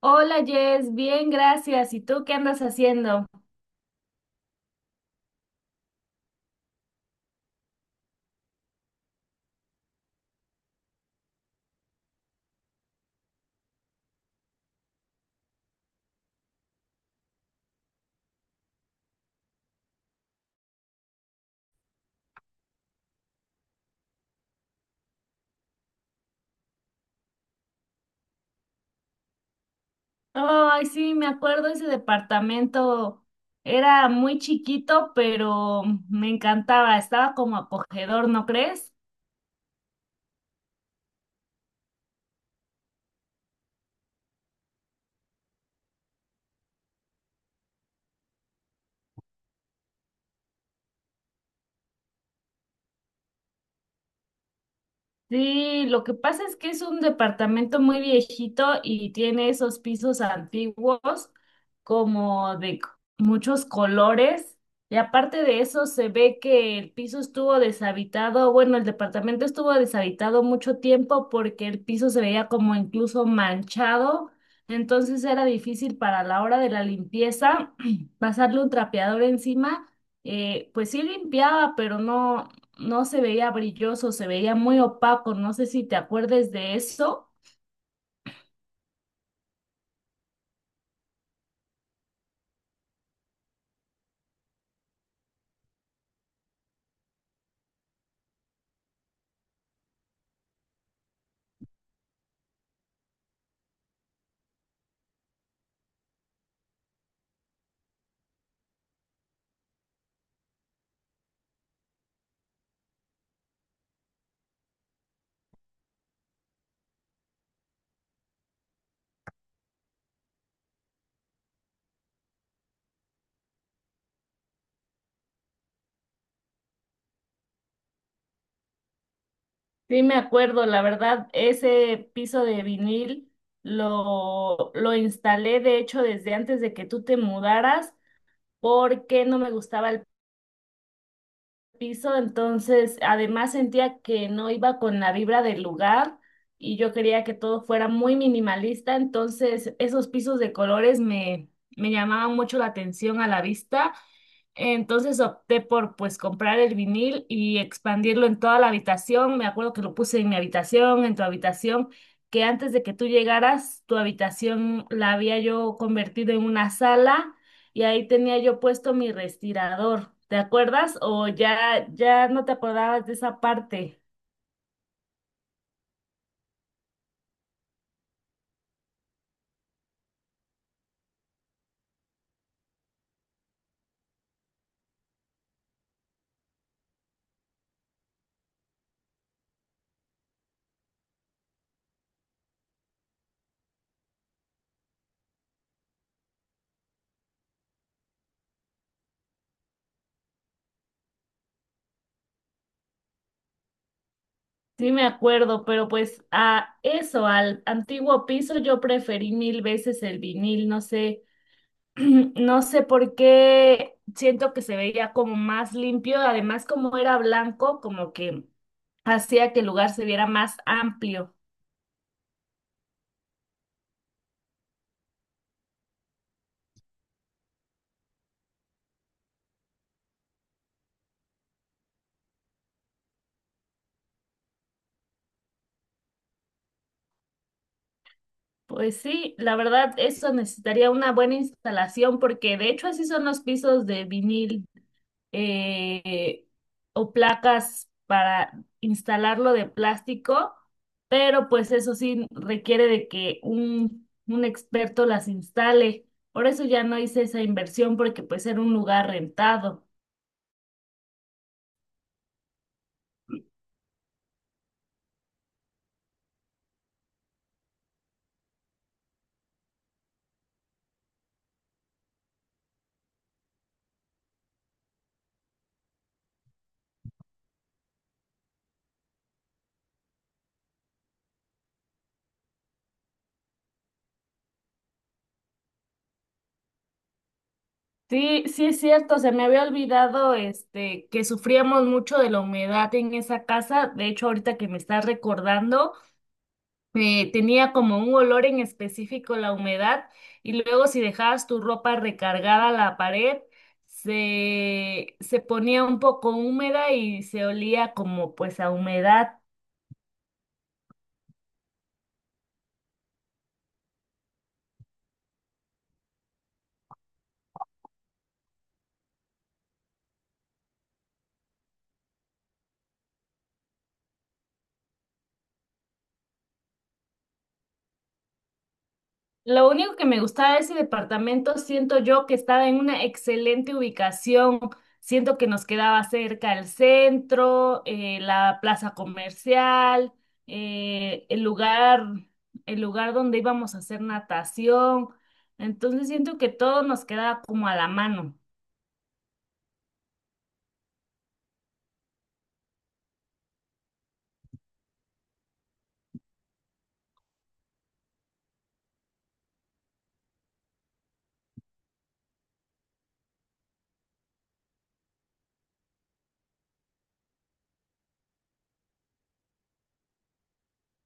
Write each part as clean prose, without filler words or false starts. Hola Jess, bien, gracias. ¿Y tú qué andas haciendo? Ay, sí, me acuerdo ese departamento. Era muy chiquito, pero me encantaba. Estaba como acogedor, ¿no crees? Sí, lo que pasa es que es un departamento muy viejito y tiene esos pisos antiguos como de c- muchos colores. Y aparte de eso, se ve que el piso estuvo deshabitado, bueno, el departamento estuvo deshabitado mucho tiempo porque el piso se veía como incluso manchado. Entonces era difícil para la hora de la limpieza pasarle un trapeador encima. Pues sí limpiaba, pero no se veía brilloso, se veía muy opaco, no sé si te acuerdes de eso. Sí, me acuerdo, la verdad, ese piso de vinil lo instalé, de hecho, desde antes de que tú te mudaras, porque no me gustaba el piso, entonces además sentía que no iba con la vibra del lugar y yo quería que todo fuera muy minimalista, entonces esos pisos de colores me llamaban mucho la atención a la vista, entonces opté por pues comprar el vinil y expandirlo en toda la habitación. Me acuerdo que lo puse en mi habitación, en tu habitación, que antes de que tú llegaras, tu habitación la había yo convertido en una sala y ahí tenía yo puesto mi respirador. ¿Te acuerdas? O ya no te acordabas de esa parte. Sí, me acuerdo, pero pues a eso, al antiguo piso, yo preferí mil veces el vinil, no sé, no sé por qué siento que se veía como más limpio, además como era blanco, como que hacía que el lugar se viera más amplio. Pues sí, la verdad, eso necesitaría una buena instalación porque de hecho así son los pisos de vinil. eh, o placas para instalarlo de plástico, pero pues eso sí requiere de que un experto las instale. Por eso ya no hice esa inversión porque pues era un lugar rentado. Sí, sí es cierto, se me había olvidado este que sufríamos mucho de la humedad en esa casa. De hecho, ahorita que me estás recordando, tenía como un olor en específico la humedad, y luego si dejabas tu ropa recargada a la pared, se ponía un poco húmeda y se olía como pues a humedad. Lo único que me gustaba de ese departamento, siento yo que estaba en una excelente ubicación. Siento que nos quedaba cerca el centro, la plaza comercial, eh, el lugar, el lugar donde íbamos a hacer natación. Entonces siento que todo nos quedaba como a la mano.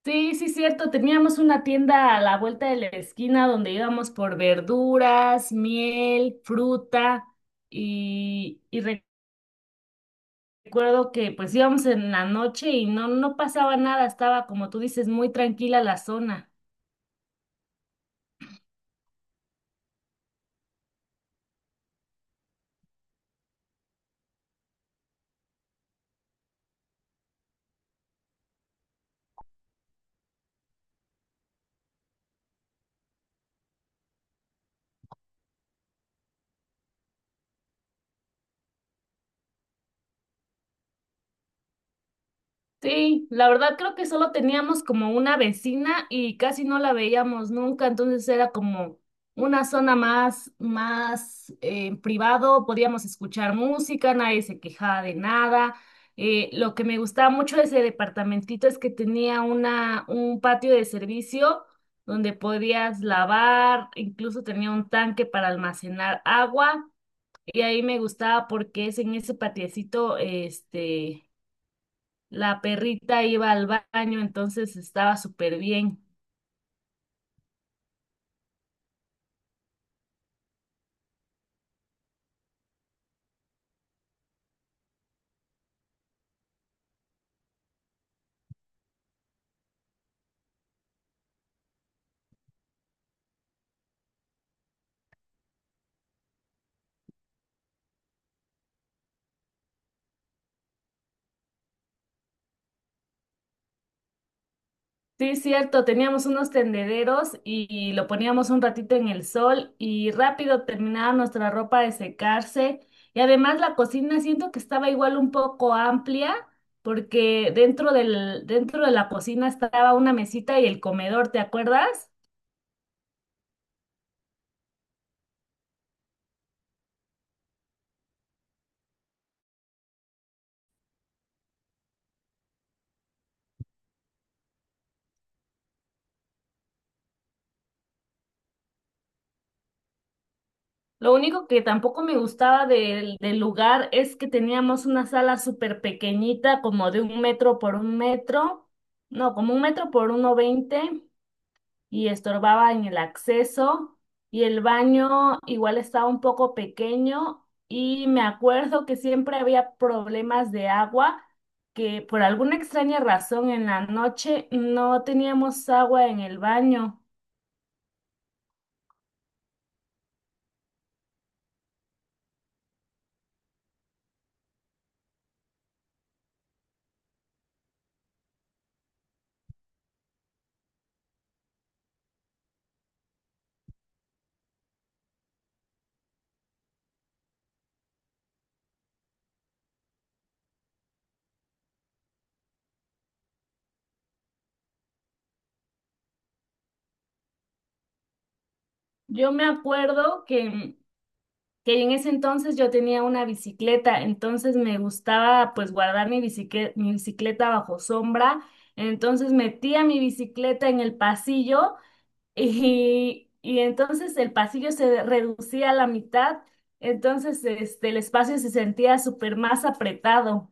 Sí, sí, cierto. Teníamos una tienda a la vuelta de la esquina donde íbamos por verduras, miel, fruta y recuerdo que pues íbamos en la noche y no pasaba nada, estaba como tú dices, muy tranquila la zona. Sí, la verdad creo que solo teníamos como una vecina y casi no la veíamos nunca, entonces era como una zona más privado, podíamos escuchar música, nadie se quejaba de nada. Lo que me gustaba mucho de ese departamentito es que tenía un patio de servicio donde podías lavar, incluso tenía un tanque para almacenar agua. Y ahí me gustaba porque es en ese patiecito, la perrita iba al baño, entonces estaba súper bien. Sí, es cierto, teníamos unos tendederos y lo poníamos un ratito en el sol y rápido terminaba nuestra ropa de secarse. Y además la cocina siento que estaba igual un poco amplia porque dentro de la cocina estaba una mesita y el comedor, ¿te acuerdas? Lo único que tampoco me gustaba del lugar es que teníamos una sala súper pequeñita, como de un metro por un metro, no, como un metro por uno veinte, y estorbaba en el acceso, y el baño igual estaba un poco pequeño, y me acuerdo que siempre había problemas de agua, que por alguna extraña razón en la noche no teníamos agua en el baño. Yo me acuerdo que en ese entonces yo tenía una bicicleta, entonces me gustaba pues guardar mi bicicleta bajo sombra, entonces metía mi bicicleta en el pasillo y entonces el pasillo se reducía a la mitad, entonces este, el espacio se sentía súper más apretado.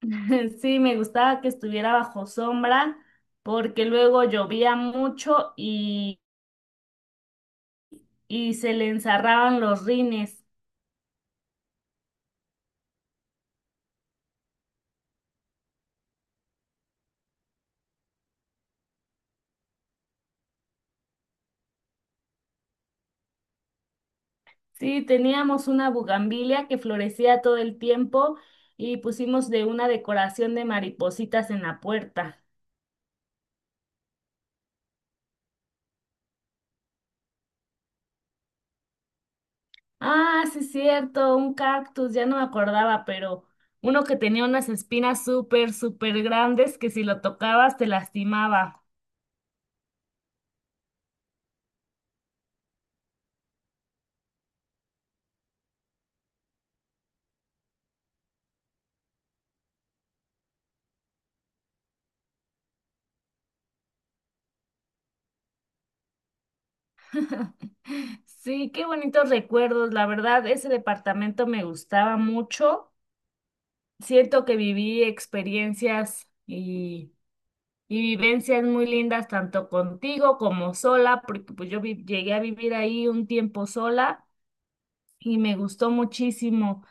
Sí, me gustaba que estuviera bajo sombra porque luego llovía mucho y se le enzarraban los rines. Sí, teníamos una bugambilia que florecía todo el tiempo y pusimos de una decoración de maripositas en la puerta. Ah, sí, cierto, un cactus, ya no me acordaba, pero uno que tenía unas espinas súper grandes que si lo tocabas te lastimaba. Sí, qué bonitos recuerdos, la verdad, ese departamento me gustaba mucho. Siento que viví experiencias y mi vivencia es muy linda tanto contigo como sola, porque pues yo llegué a vivir ahí un tiempo sola y me gustó muchísimo.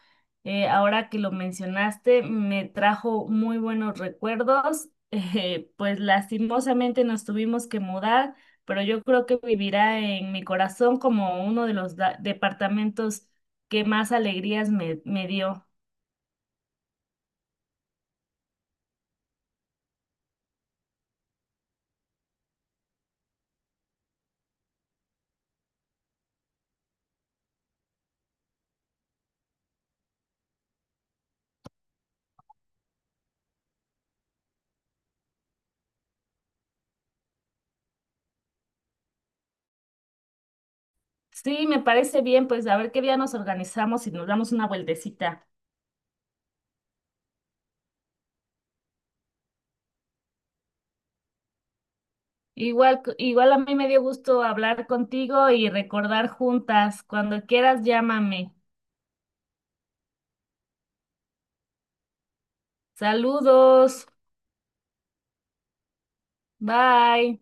Ahora que lo mencionaste, me trajo muy buenos recuerdos. Pues lastimosamente nos tuvimos que mudar, pero yo creo que vivirá en mi corazón como uno de los departamentos que más alegrías me dio. Sí, me parece bien, pues a ver qué día nos organizamos y nos damos una vueltecita. Igual, igual a mí me dio gusto hablar contigo y recordar juntas. Cuando quieras, llámame. Saludos. Bye.